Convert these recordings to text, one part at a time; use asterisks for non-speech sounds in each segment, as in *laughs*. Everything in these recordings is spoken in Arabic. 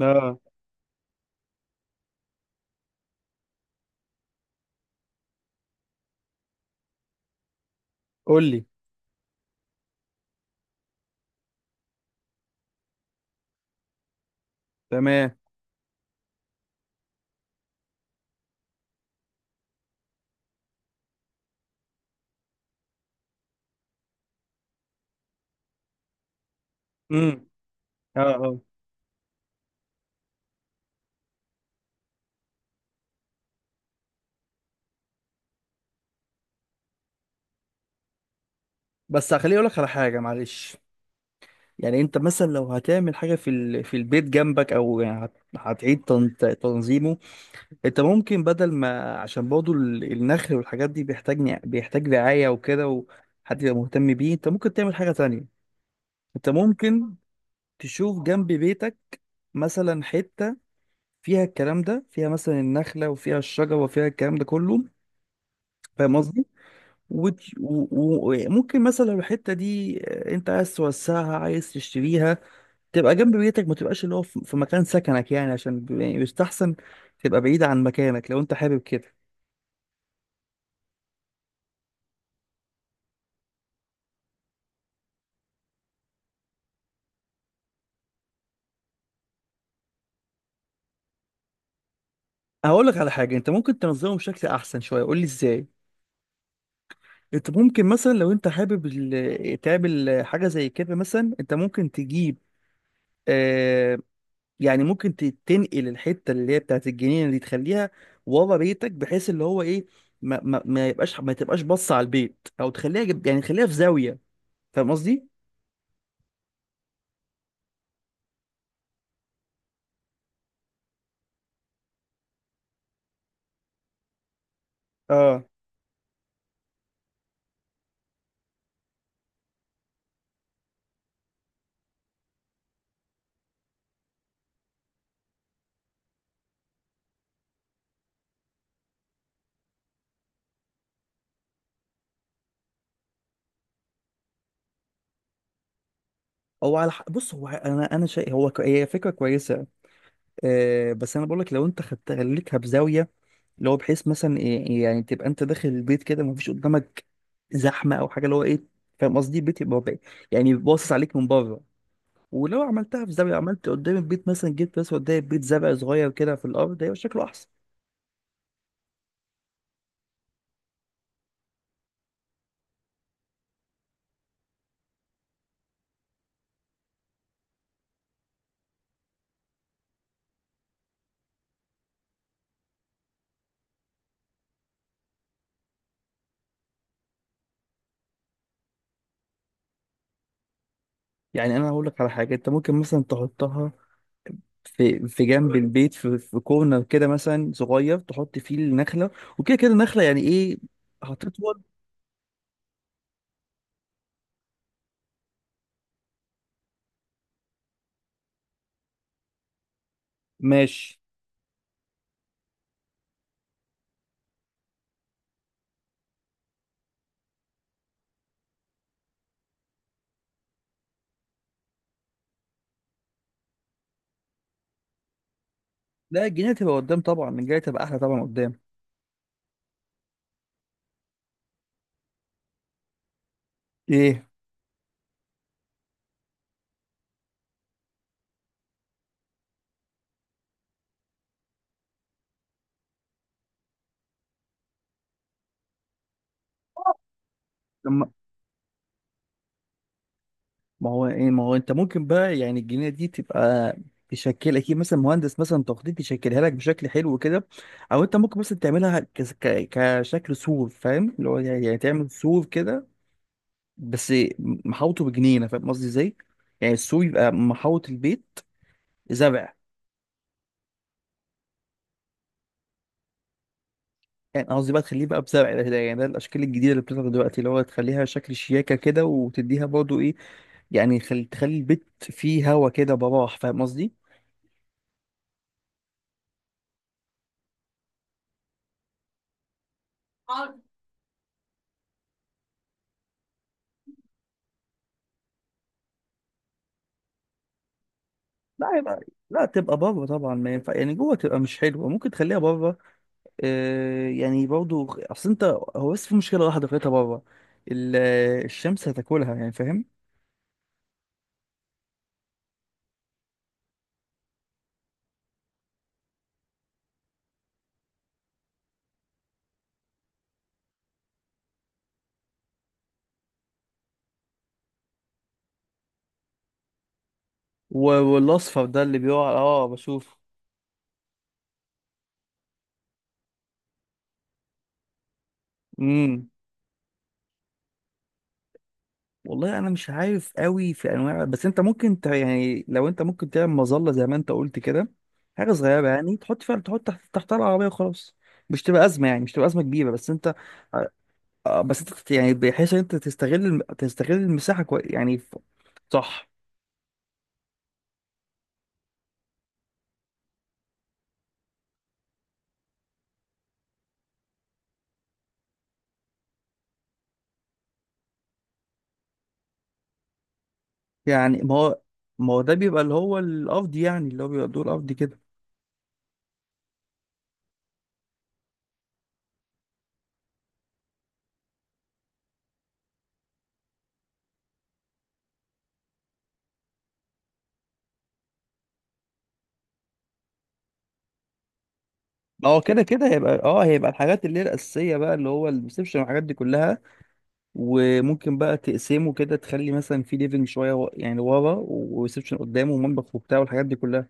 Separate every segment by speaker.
Speaker 1: اه قول لي. تمام. امم اه اه بس خليني اقول لك على حاجه، معلش. يعني انت مثلا لو هتعمل حاجه في البيت جنبك، او يعني هتعيد تنظيمه، انت ممكن بدل ما، عشان برضه النخل والحاجات دي بيحتاج، بيحتاج رعايه وكده، وحد يبقى مهتم بيه. انت ممكن تعمل حاجه تانية. انت ممكن تشوف جنب بيتك مثلا حته فيها الكلام ده، فيها مثلا النخله وفيها الشجره وفيها الكلام ده كله. فاهم قصدي؟ وت- و- و- وممكن مثلا لو الحتة دي، انت عايز توسعها، عايز تشتريها، تبقى جنب بيتك، ما تبقاش اللي هو في مكان سكنك، يعني عشان يعني بيستحسن تبقى بعيد عن مكانك لو انت حابب كده. هقول لك على حاجة، انت ممكن تنظمه بشكل احسن شوية. قول لي ازاي. انت ممكن مثلا لو انت حابب تعمل حاجة زي كده. مثلا انت ممكن تجيب، آه، يعني ممكن تنقل الحته اللي هي بتاعت الجنينه دي، تخليها ورا بيتك، بحيث اللي هو ايه، ما تبقاش باصه على البيت، او تخليها يعني تخليها في زاويه. فاهم قصدي؟ اه، هو على حق. بص، هو انا شيء، هي فكره كويسه. أه، بس انا بقول لك لو انت خدت، خليتها بزاويه، اللي هو بحيث مثلا يعني تبقى انت داخل البيت كده، ما فيش قدامك زحمه او حاجه، اللي هو ايه. فاهم قصدي؟ البيت يعني باصص عليك من بره. ولو عملتها في زاويه، عملت قدام البيت مثلا، جبت بس قدام البيت زرع صغير كده في الارض، هيبقى شكله احسن. يعني انا هقول لك على حاجه، انت ممكن مثلا تحطها في جنب البيت، في كورنر كده مثلا صغير، تحط فيه النخله. وكده كده النخله يعني ايه، هتطول. ماشي. لا، الجنينه تبقى قدام طبعا، الجنينه تبقى احلى طبعا قدام. ايه؟ لما، ما هو ايه، ما هو انت ممكن بقى يعني الجنيه دي تبقى، تشكل اكيد مثلا مهندس مثلا تخطيط يشكلها لك بشكل حلو كده. او انت ممكن مثلا تعملها ك- ك- كشكل سور. فاهم اللي هو يعني، يعني تعمل سور كده، بس محوطه بجنينه. فاهم قصدي ازاي؟ يعني السور يبقى محوط البيت زرع. يعني قصدي بقى تخليه بقى بزرع يعني ده الاشكال الجديده اللي بتظهر دلوقتي، اللي هو تخليها شكل شياكه كده، وتديها برضه ايه، يعني تخلي البيت فيه هوا كده براح. فاهم قصدي؟ لا، يبقى، لا تبقى بره طبعا. ما ينفع يعني جوه، تبقى مش حلوه. ممكن تخليها بره. آه، يعني برضو اصل انت، هو بس في مشكله واحده خليتها بره، ال- الشمس هتاكلها يعني، فاهم؟ و- والاصفر ده اللي بيقع، اه بشوف. امم. والله انا مش عارف قوي في انواع، بس انت ممكن يعني لو انت ممكن تعمل مظله زي ما انت قلت كده، حاجه صغيره يعني، تحط فيها، تحط تحتها العربيه وخلاص. مش تبقى ازمه يعني، مش تبقى ازمه كبيره، بس انت، آه، بس انت يعني بحيث ان انت تستغل تستغل المساحه كويس يعني. صح. يعني ما هو، ما هو ده بيبقى اللي هو القفض يعني، اللي هو بيبقى الدور القفض كده. ما هو كده كده هيبقى، اه، هيبقى الحاجات اللي هي الاساسيه بقى، اللي هو الريسبشن والحاجات دي كلها. وممكن بقى تقسمه كده، تخلي مثلا في ليفنج شويه يعني ورا، وريسبشن قدامه، ومطبخ وبتاع والحاجات دي كلها.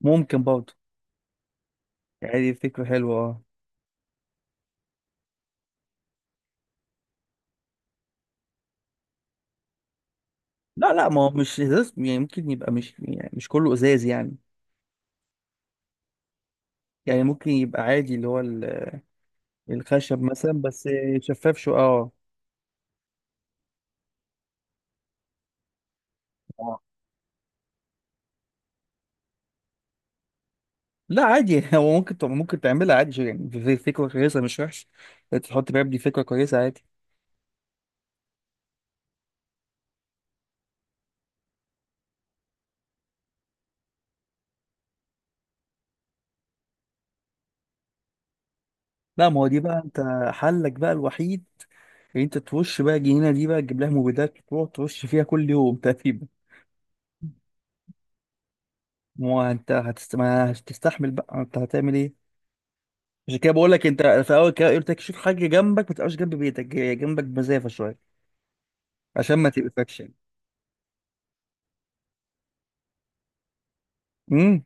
Speaker 1: ممكن برضه، يعني دي فكره حلوه اه. لا لا، ما هو مش ازاز يعني، ممكن يبقى مش يعني مش كله ازاز يعني. يعني ممكن يبقى عادي اللي هو الخشب مثلا، بس شفاف شو، اه. اه، لا عادي *laughs* هو ممكن ممكن تعملها عادي، يعني في فكرة كويسة مش وحش. إنت تحط باب، دي فكرة كويسة عادي. لا، ما هو دي بقى انت حلك بقى الوحيد، ان انت تخش بقى الجنينة دي، بقى تجيب لها مبيدات وتروح تخش فيها كل يوم تقريبا. ما هو انت ما هتستحمل بقى، انت هتعمل ايه؟ عشان كده بقول لك انت، في اول كده قلت لك شوف حاجة جنبك، ما تبقاش جنب بيتك، جنبك بمسافة شوية، عشان ما تبقاش يعني. امم.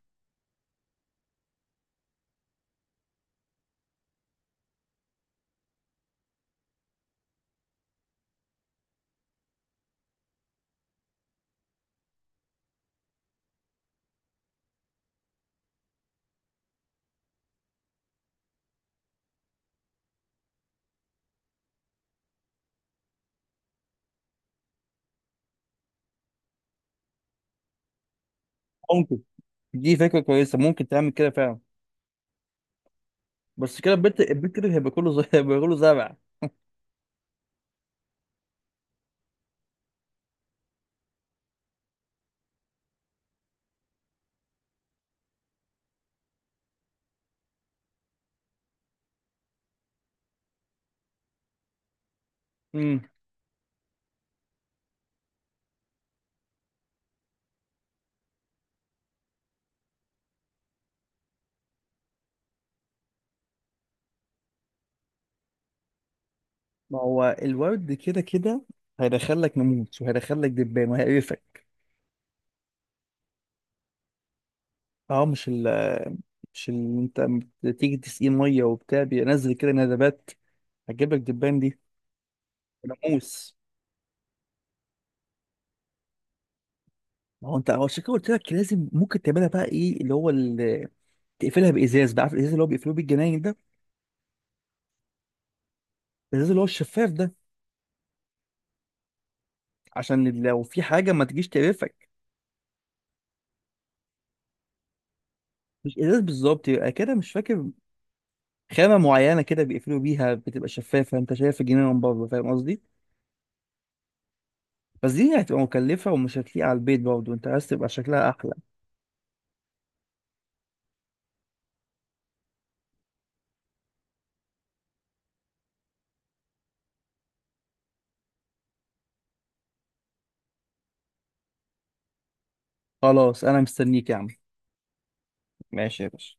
Speaker 1: ممكن، دي فكرة كويسة، ممكن تعمل كده فعلا. بس كده البيت، البيت كده هيبقى كله *laughs* هيبقى كله زرع. امم. ما هو الورد كده كده هيدخل لك ناموس، وهيدخل لك دبان، وهيقرفك. اه، مش اللي انت، أما تيجي تسقيه ميه وبتاع، بينزل كده ندبات، هتجيب لك دبان دي. ناموس. ما هو انت، هو عشان كده قلت لك لازم، ممكن تعملها بقى ايه اللي هو تقفلها بازاز بقى. عارف الازاز اللي هو بيقفلوه بالجناين ده؟ الازاز اللي هو الشفاف ده، عشان لو في حاجه ما تجيش تقرفك. مش ازاز بالظبط، يبقى كده مش فاكر، خامة معينة كده بيقفلوا بيها، بتبقى شفافة انت شايف الجنينة من بره. فاهم قصدي؟ بس دي هتبقى مكلفة، ومش هتليق على البيت برضه، انت عايز تبقى شكلها أحلى. خلاص أنا مستنيك يا عم. ماشي يا باشا.